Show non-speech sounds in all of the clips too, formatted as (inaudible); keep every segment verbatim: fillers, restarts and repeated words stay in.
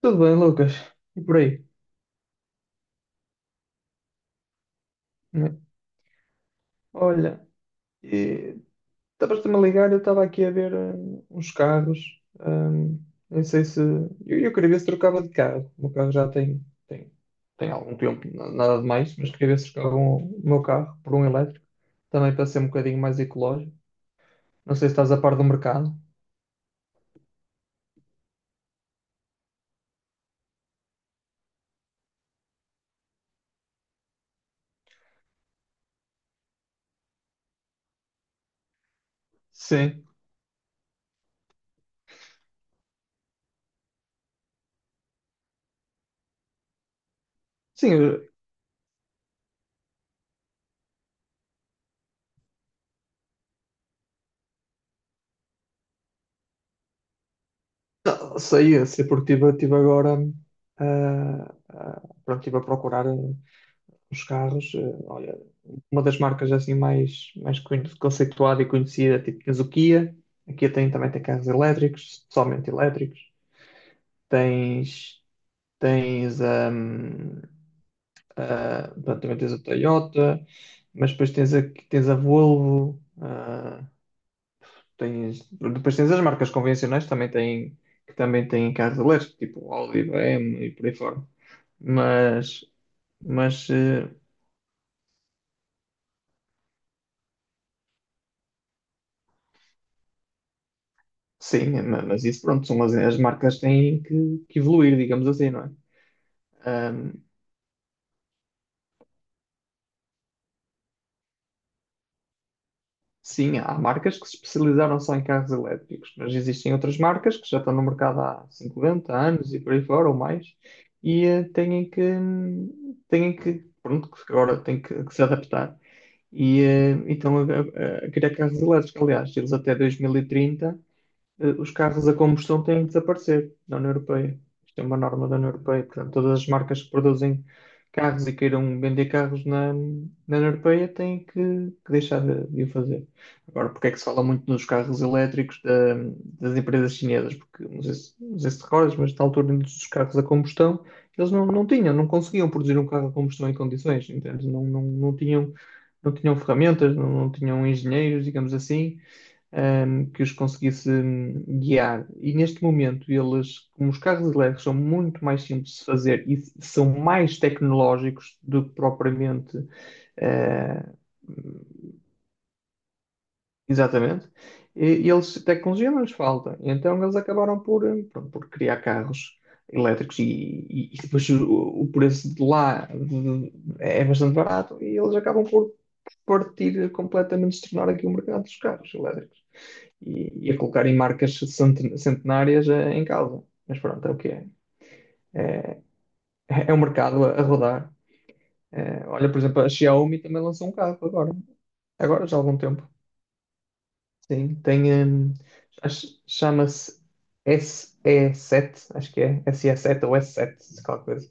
Tudo bem, Lucas? E por aí? Né? Olha, e estavas-te-me a ligar, eu estava aqui a ver hum, uns carros. Hum, não sei se. Eu, eu queria ver se trocava de carro. O meu carro já tem, tem, tem algum tempo, na- nada de mais, mas queria ver se trocava um- o meu carro por um elétrico, também para ser um bocadinho mais ecológico. Não sei se estás a par do mercado. Sim. Sim, eu não, sei, eu sei porque estive tive tive agora. Hum, ah, ah, pronto, estive a procurar hum, os carros. eh, Olha, uma das marcas assim mais, mais con- conceituada e conhecida, tipo tens o Kia, a Kia tem, também tem carros elétricos, somente elétricos, tens, tens, hum, a- pronto, também tens a Toyota, mas depois tens a, tens a Volvo, ah, tens, depois tens as marcas convencionais também têm, que também têm carros elétricos, tipo Audi, B M W e por aí fora. Mas, mas eh, sim, ma- mas isso, pronto, são as, as marcas têm que, que evoluir, digamos assim, não é? Ahm, sim, há marcas que se especializaram só em carros elétricos, mas existem outras marcas que já estão no mercado há cinquenta anos e por aí fora ou mais, e eh, têm que, têm que, pronto, que agora têm que, que se adaptar. E eh, então a, a- a criar carros elétricos. Aliás, eles até dois mil e trinta eh, os carros a combustão têm de desaparecer da União Europeia. Isto é uma norma da União Europeia. Portanto, todas as marcas que produzem carros e queiram vender carros na, na União Europeia têm que, que deixar de, de o fazer. Agora, porque é que se fala muito nos carros elétricos da- das empresas chinesas? Porque, não sei se, não sei se te recordas, mas na altura dos carros a combustão, eles não, não tinham, não conseguiam produzir um carro a combustão em condições, entende? Não, não, não tinham, não tinham ferramentas, não, não tinham engenheiros, digamos assim, hum, que os conseguisse hum, guiar. E neste momento, eles, como os carros elétricos são muito mais simples de fazer e s- são mais tecnológicos do que propriamente. eh, Exatamente. E, e eles, tecnologia não lhes falta. Então, eles acabaram por, hum, pronto, por criar carros elétricos. E, e- e depois o, o preço de lá de- é bastante barato, e eles acabam por partir completamente, se tornar aqui o mercado dos carros elétricos e, e a colocarem marcas centen- centenárias eh, em causa. Mas pronto, é o que é. É é o mercado a, a rodar. Eh, olha, por exemplo, a Xiaomi também lançou um carro agora. Agora já há algum tempo. Sim, tem. Hum, ch- chama-se S E seven, acho que é. S E sete ou S sete, se qualquer coisa.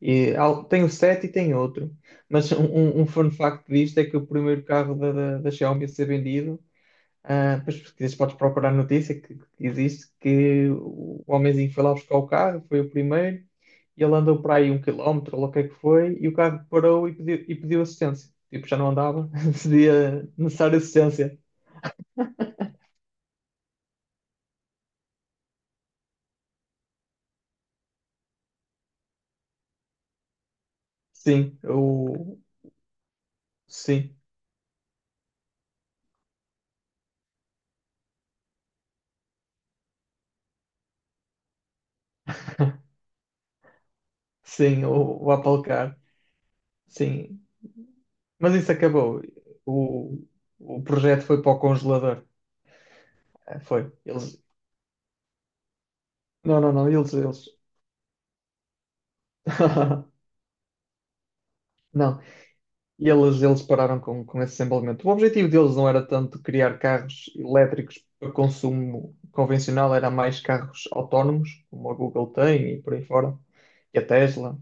E há- tem o sete e tem outro. Mas um, um um fun fact disto é que o primeiro carro da, da, da Xiaomi a ser vendido. Ah, depois, se quiseres, podes procurar a notícia que que existe, que o homenzinho foi lá buscar o carro, foi o primeiro, e ele andou para aí um quilómetro, ou lá o que é que foi, e o carro parou e pediu, e pediu assistência. Tipo, já não andava, (laughs) seria necessária assistência. Sim, o, sim, sim, o, o Apple Car, sim. Mas isso acabou. O, o projeto foi para o congelador. Ah, foi. Eles, não, não, não, eles, eles. (laughs) Não. E eles, eles pararam com, com esse desenvolvimento. O objetivo deles não era tanto criar carros elétricos para consumo convencional, era mais carros autónomos, como a Google tem e por aí fora, e a Tesla.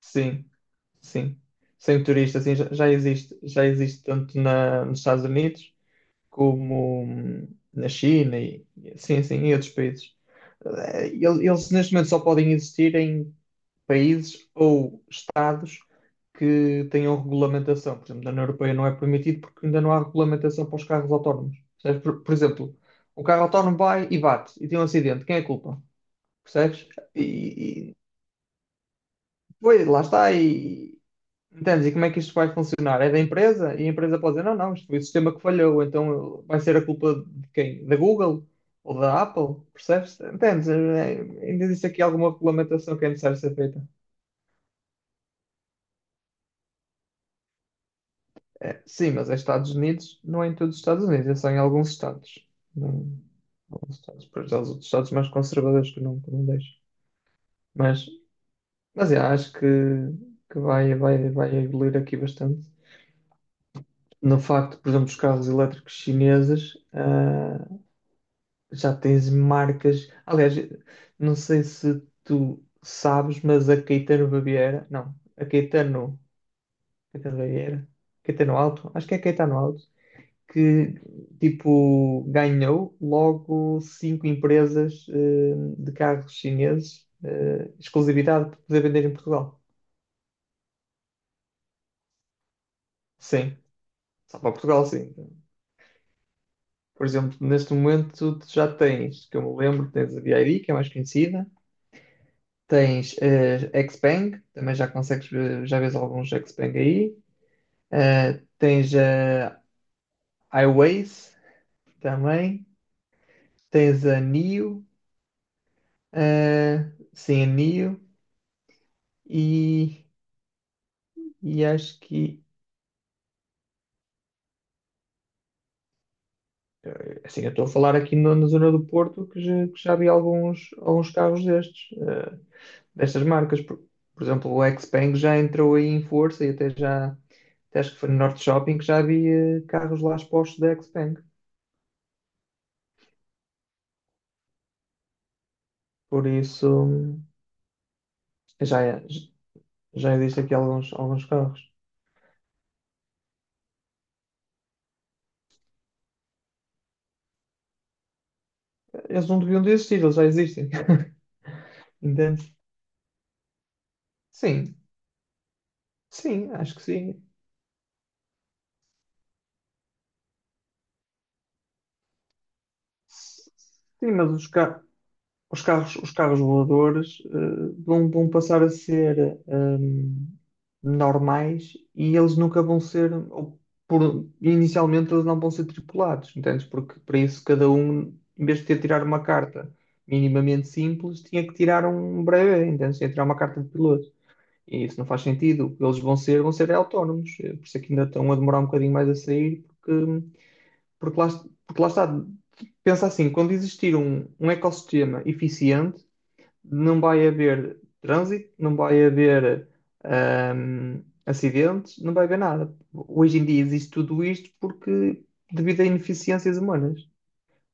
Sim, sim. Sem turista, assim, já, já existe, já existe tanto na, nos Estados Unidos como hum, na China. E e- sim, sim, em outros países. Eh, el- Eles neste momento só podem existir em países ou estados que tenham regulamentação. Por exemplo, na União Europeia não é permitido porque ainda não há regulamentação para os carros autónomos. Percebes? Por, por exemplo, o carro autónomo vai e bate e tem um acidente. Quem é a culpa? Percebes? E, e- Pois, lá está. E, entendes? E como é que isto vai funcionar? É da empresa? E a empresa pode dizer, não, não, isto foi o sistema que falhou, então vai ser a culpa de quem? Da Google? Ou da Apple? Percebes? Entendes? É, é, Ainda existe aqui alguma regulamentação que é necessário ser feita. É, sim, mas é Estados Unidos, não é em todos os Estados Unidos, é só em alguns estados. Não, alguns estados, para já os outros estados mais conservadores que não, que não deixam. Mas, mas é, acho que, que vai, vai, vai evoluir aqui bastante. No facto, por exemplo, dos carros elétricos chineses. ah, Já tens marcas. Aliás, não sei se tu sabes, mas a Caetano Baviera, não, a Caetano, Caetano Baviera, Caetano Alto, acho que é Caetano Alto, que tipo ganhou logo cinco empresas eh, de carros chineses, eh, exclusividade para poder vender em Portugal. Sim, só para Portugal, sim. Por exemplo, neste momento tu já tens, que eu me lembro, tens a B Y D, que é mais conhecida. Tens eh, Xpeng, também já consegues ver, já vês alguns Xpeng aí. Eh, tens a iWays também. Tens a nio, eh, sim, a N I O. E, e acho que, assim, eu estou a falar aqui no- na zona do Porto que já, que já vi alguns, alguns carros destes, eh, destas marcas. Por, por exemplo, o Xpeng já entrou aí em força e, até já, até acho que foi no Norte Shopping que já havia carros lá expostos da Xpeng. Por isso. Já, é, já existem aqui alguns, alguns carros. Eles não deviam de existir, eles já existem. (laughs) Entende? Sim, sim, acho que sim. Sim, mas os, ca- os carros, os carros voadores, eh, vão, vão passar a ser, hum, normais, e eles nunca vão ser, ou por- inicialmente eles não vão ser tripulados, entendes? Porque para isso cada um, em vez de ter tirar uma carta minimamente simples, tinha que tirar um breve, entendes? Tinha que tirar uma carta de piloto. E isso não faz sentido. O que eles vão ser, vão ser autónomos. Eh, Por isso é que ainda estão a demorar um bocadinho mais a sair, porque, porque, lá, porque lá está. Pensa assim, quando existir um, um ecossistema eficiente, não vai haver trânsito, não vai haver ahm, acidentes, não vai haver nada. Hoje em dia existe tudo isto porque devido a ineficiências humanas,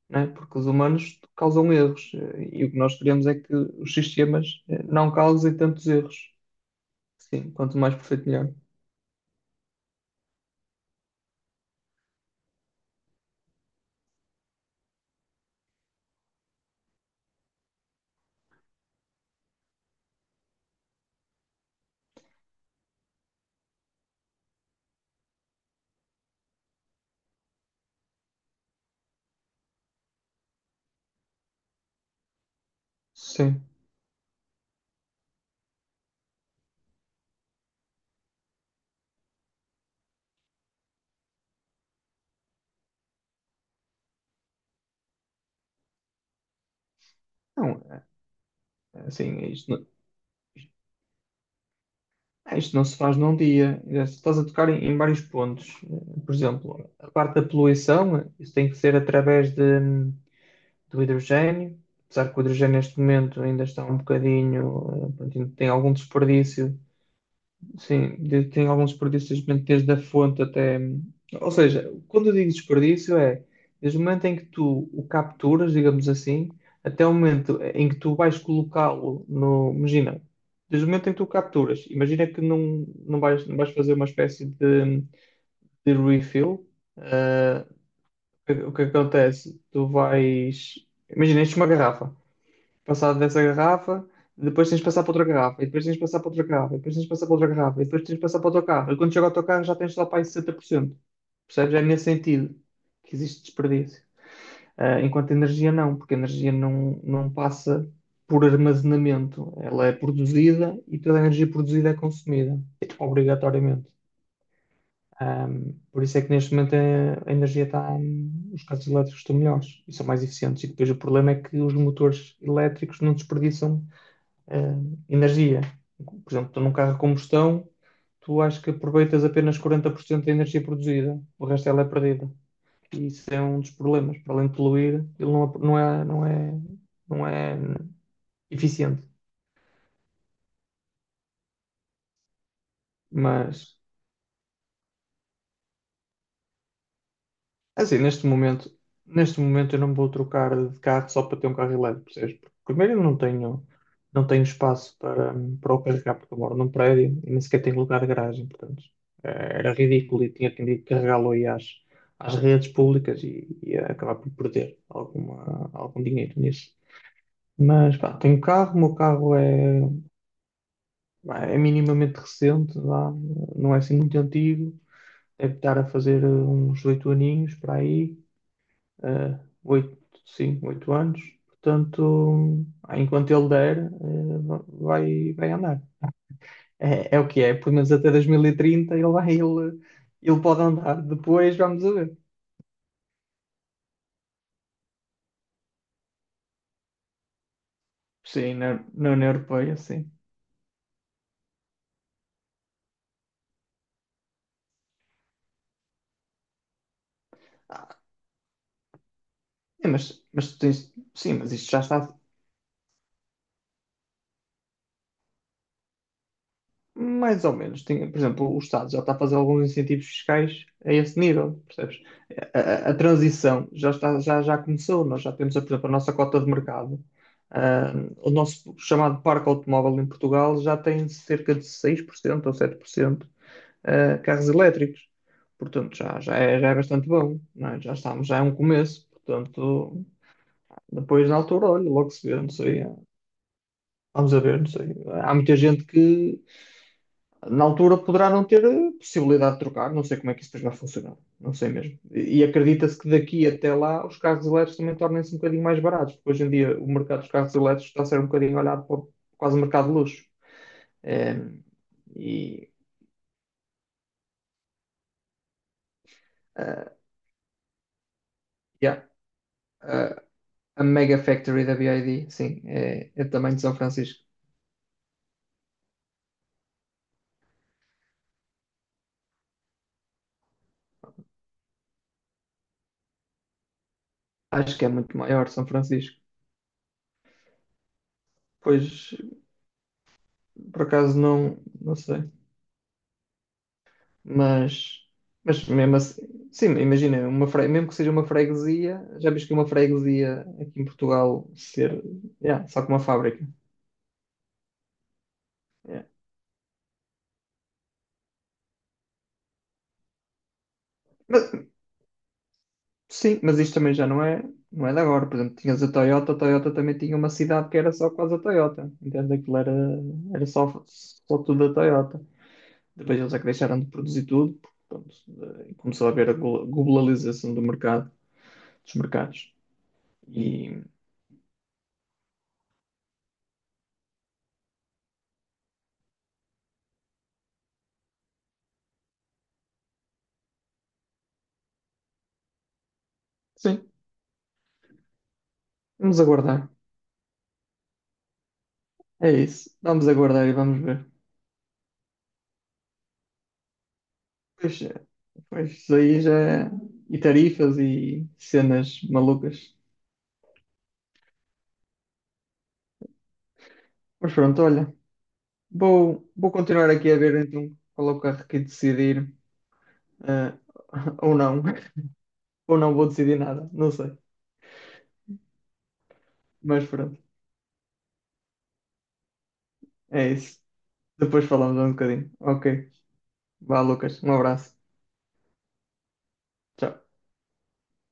né? Porque os humanos causam erros, eh, e o que nós queremos é que os sistemas eh, não causem tantos erros. Sim, quanto mais perfeito, melhor. Sim. Não, assim, isto não, isto não se faz num dia. Estás a tocar em, em vários pontos. eh, Por exemplo, a parte da poluição, isso tem que ser através de, do hidrogênio. Apesar que o hidrogênio neste momento ainda está um bocadinho, eh, pronto, ainda tem algum desperdício. Sim, de- tem alguns desperdícios mesmo desde a fonte até. Ou seja, quando eu digo desperdício é desde o momento em que tu o capturas, digamos assim, até o momento em que tu vais colocá-lo no. Imagina, desde o momento em que tu o capturas, imagina que não, não vais, não vais fazer uma espécie de, de refill. eh, o que o que acontece? Tu vais. Imagina, enches uma garrafa, passado dessa garrafa, depois tens de passar para outra garrafa, e depois tens de passar para outra garrafa, e depois tens de passar para outra garrafa, e depois tens de passar para o teu carro. E quando chega ao teu carro já tens só para aí sessenta por cento. Percebes? É nesse sentido que existe desperdício. Ah, enquanto a energia não, porque a energia não, não passa por armazenamento. Ela é produzida, e toda a energia produzida é consumida, obrigatoriamente. Ah, por isso é que neste momento a, a energia está. Os carros elétricos estão melhores e são mais eficientes. E depois o problema é que os motores elétricos não desperdiçam eh, energia. Por exemplo, tu num carro a combustão, tu acho que aproveitas apenas quarenta por cento da energia produzida, o resto ela é perdida. E isso é um dos problemas. Para além de poluir, ele não, não é, não é, não é eficiente. Mas é assim, neste momento, neste momento eu não vou trocar de carro só para ter um carro elétrico, percebes? Porque primeiro eu não tenho, não tenho espaço para, para o carregar, porque eu moro num prédio e nem sequer tenho lugar de garagem, portanto, eh, era ridículo e tinha que carregá-lo aí às, às redes públicas e ia acabar por perder alguma, algum dinheiro nisso. Mas pá, tenho carro, o meu carro é, é minimamente recente, vá, não é assim muito antigo, deve estar a fazer eh, uns oito aninhos para aí, eh, oito, sim, oito anos. Portanto, ah, enquanto ele der, eh, vai, vai andar. É, é o que é, pelo menos até dois mil e trinta ele vai, ele, ele pode andar. Depois vamos a ver. Sim, na, na União Europeia, sim. Ah, sim, mas, mas tens- sim, mas isto já está. Mais ou menos. Tem, por exemplo, o Estado já está a fazer alguns incentivos fiscais a esse nível, percebes? A, a- a transição já está, já, já começou. Nós já temos, por exemplo, a nossa cota de mercado. Ah, o nosso chamado parque automóvel em Portugal já tem cerca de seis por cento ou sete por cento ah, carros elétricos. Portanto, já, já, é, já é bastante bom. Não é? Já estamos, já é um começo. Portanto, depois na altura, olha, logo se vê, não sei. Vamos a ver, não sei. Há muita gente que na altura poderá não ter eh, possibilidade de trocar, não sei como é que isso vai funcionar, não sei mesmo. E e acredita-se que daqui até lá os carros elétricos também tornem-se um bocadinho mais baratos, porque hoje em dia o mercado dos carros elétricos está a ser um bocadinho olhado para o- quase o mercado de luxo. Eh, e ah, yeah, ah, a Mega Factory da B Y D, sim, é, é também de São Francisco. Acho que é muito maior São Francisco. Pois, por acaso, não, não sei. Mas, mas mesmo assim, sim, imagina, uma fre- mesmo que seja uma freguesia, já viste que uma freguesia aqui em Portugal ser, yeah, só com uma fábrica. Yeah. Mas, sim, mas isto também já não é, não é de agora. Por exemplo, tinhas a Toyota, a Toyota também tinha uma cidade que era só quase a Toyota. Entende? Aquilo era, era só, só tudo a Toyota. Depois eles é que deixaram de produzir tudo, porque, pronto, eh, começou a haver a glo- globalização do mercado, dos mercados. E sim, vamos aguardar. É isso. Vamos aguardar e vamos ver. Pois, é, pois isso aí já é- e tarifas e cenas malucas. Mas pronto, olha, vou, vou continuar aqui a ver então qual é o carro que decidir, eh, (laughs) ou não, (laughs) ou não vou decidir nada, não sei. Mas pronto, é isso. Depois falamos um bocadinho. Ok. Vá, Lucas, um abraço. Tchau.